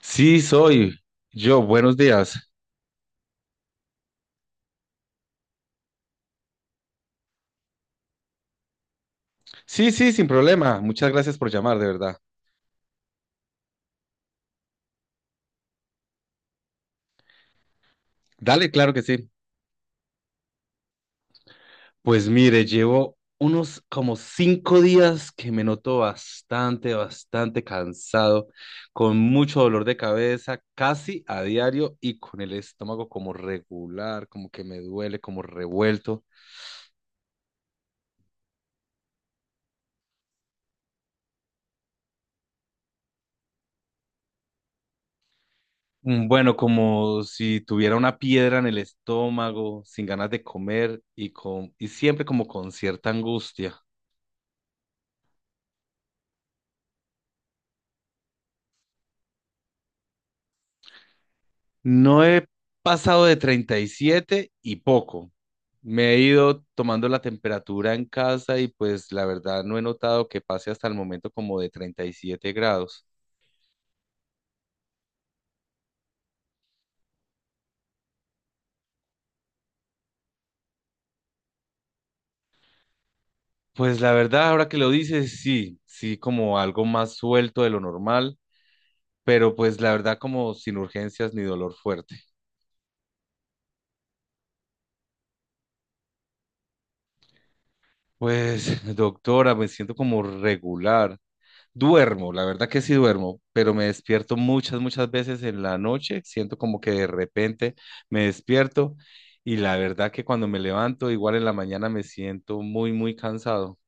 Sí, soy yo. Buenos días. Sí, sí, sin problema. Muchas gracias por llamar, de verdad. Dale, claro que sí. Pues mire, llevo unos como 5 días que me noto bastante, bastante cansado, con mucho dolor de cabeza, casi a diario y con el estómago como regular, como que me duele, como revuelto. Bueno, como si tuviera una piedra en el estómago, sin ganas de comer y con y siempre como con cierta angustia. No he pasado de 37 y poco. Me he ido tomando la temperatura en casa y pues la verdad no he notado que pase hasta el momento como de 37 grados. Pues la verdad, ahora que lo dices, sí, sí, como algo más suelto de lo normal, pero pues la verdad como sin urgencias ni dolor fuerte. Pues doctora, me siento como regular. Duermo, la verdad que sí duermo, pero me despierto muchas, muchas veces en la noche. Siento como que de repente me despierto y la verdad que cuando me levanto, igual en la mañana me siento muy, muy cansado.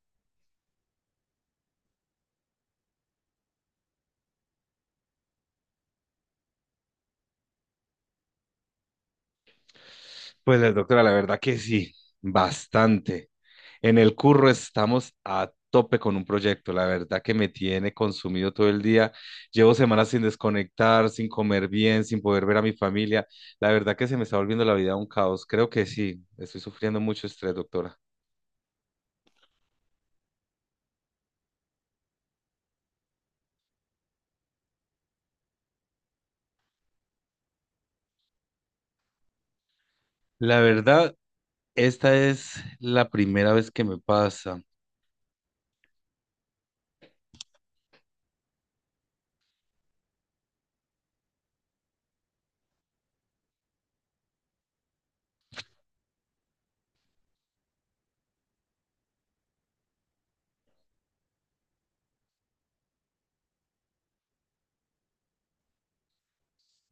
Pues la doctora, la verdad que sí, bastante. En el curro estamos a tope con un proyecto, la verdad que me tiene consumido todo el día. Llevo semanas sin desconectar, sin comer bien, sin poder ver a mi familia. La verdad que se me está volviendo la vida un caos. Creo que sí, estoy sufriendo mucho estrés, doctora. La verdad, esta es la primera vez que me pasa.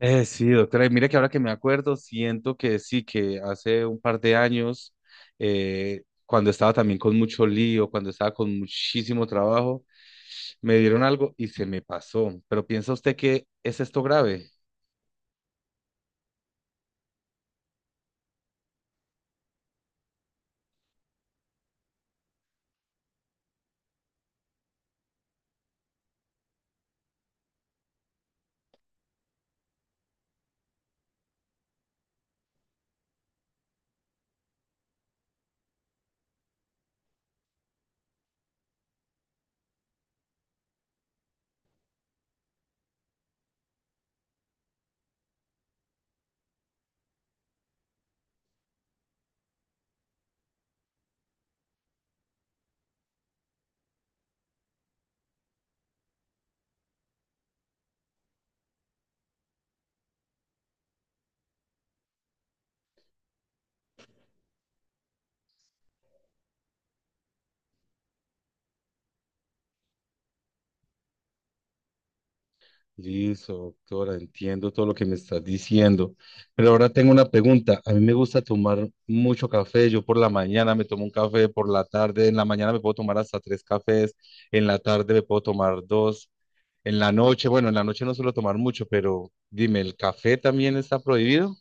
Sí, doctora, y mira que ahora que me acuerdo, siento que sí, que hace un par de años, cuando estaba también con mucho lío, cuando estaba con muchísimo trabajo, me dieron algo y se me pasó. Pero ¿piensa usted que es esto grave? Listo, doctora, entiendo todo lo que me estás diciendo. Pero ahora tengo una pregunta. A mí me gusta tomar mucho café. Yo por la mañana me tomo un café, por la tarde, en la mañana me puedo tomar hasta tres cafés, en la tarde me puedo tomar dos, en la noche, bueno, en la noche no suelo tomar mucho, pero dime, ¿el café también está prohibido?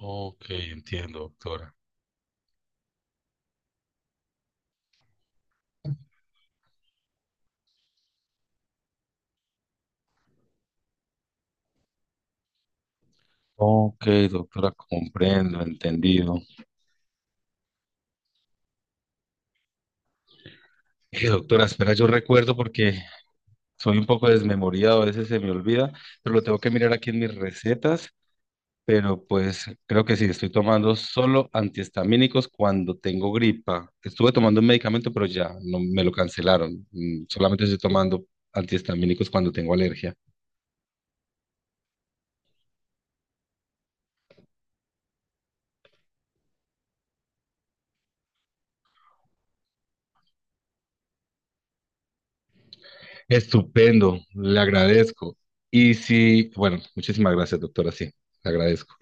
Ok, entiendo, doctora. Ok, doctora, comprendo, entendido. Doctora, espera, yo recuerdo porque soy un poco desmemoriado, a veces se me olvida, pero lo tengo que mirar aquí en mis recetas. Pero pues creo que sí, estoy tomando solo antihistamínicos cuando tengo gripa. Estuve tomando un medicamento, pero ya no me lo cancelaron. Solamente estoy tomando antihistamínicos cuando tengo alergia. Estupendo, le agradezco. Y sí, bueno, muchísimas gracias, doctora, sí, le agradezco.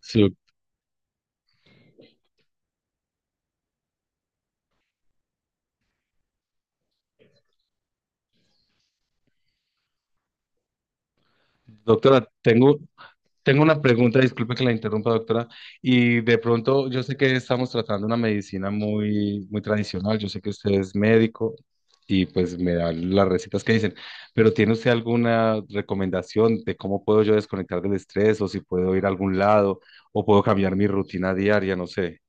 Sí, doctora, tengo una pregunta, disculpe que la interrumpa, doctora, y de pronto yo sé que estamos tratando una medicina muy, muy tradicional, yo sé que usted es médico y pues me dan las recetas que dicen, pero ¿tiene usted alguna recomendación de cómo puedo yo desconectar del estrés o si puedo ir a algún lado o puedo cambiar mi rutina diaria? No sé.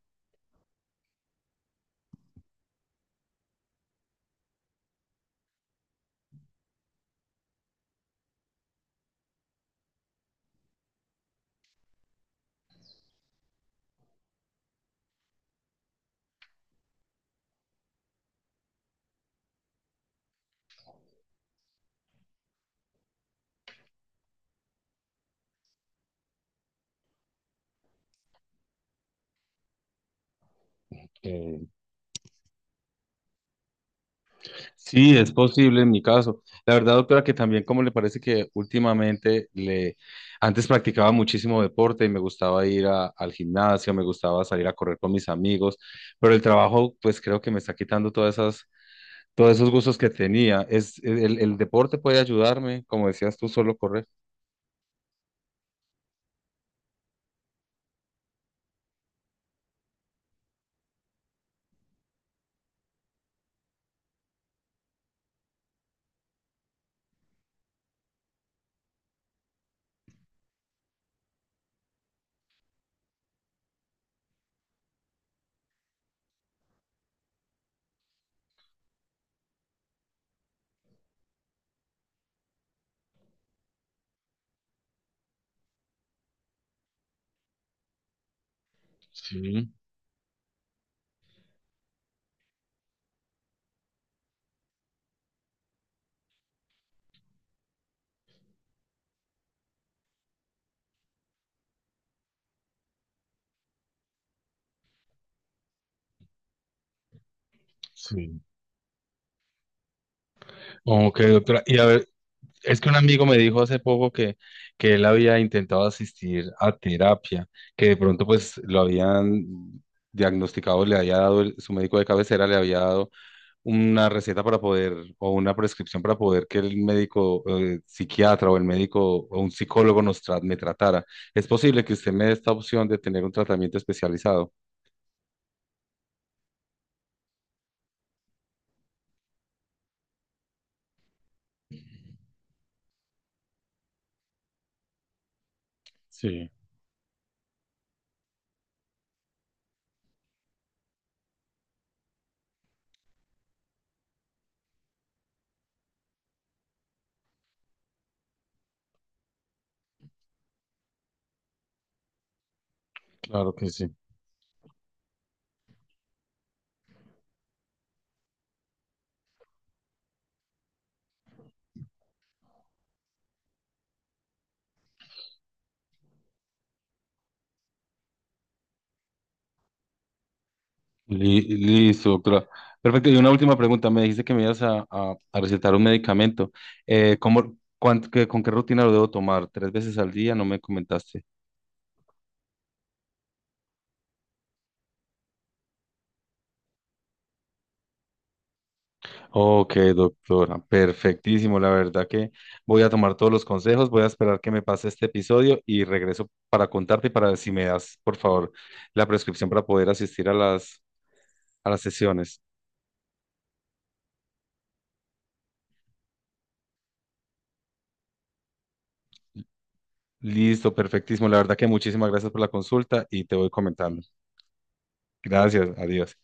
eh, Sí, es posible en mi caso. La verdad, doctora, que también como le parece que últimamente antes practicaba muchísimo deporte y me gustaba ir a- al gimnasio, me gustaba salir a correr con mis amigos, pero el trabajo, pues creo que me está quitando todas esas, todos esos gustos que tenía. El deporte puede ayudarme, como decías tú, solo correr. Sí, sí. Ok, doctora. Y a ver, es que un amigo me dijo hace poco que, él había intentado asistir a terapia, que de pronto pues lo habían diagnosticado, le había dado, su médico de cabecera le había dado una receta para poder, o una prescripción para poder que el médico psiquiatra o el médico o un psicólogo me tratara. ¿Es posible que usted me dé esta opción de tener un tratamiento especializado? Listo, doctora. Perfecto. Y una última pregunta. Me dijiste que me ibas a recetar un medicamento. ¿Cómo, con qué rutina lo debo tomar? ¿Tres veces al día? No me comentaste. Ok, doctora. Perfectísimo. La verdad que voy a tomar todos los consejos. Voy a esperar que me pase este episodio y regreso para contarte y para ver si me das, por favor, la prescripción para poder asistir a las sesiones. Listo, perfectísimo. La verdad que muchísimas gracias por la consulta y te voy comentando. Gracias. Adiós.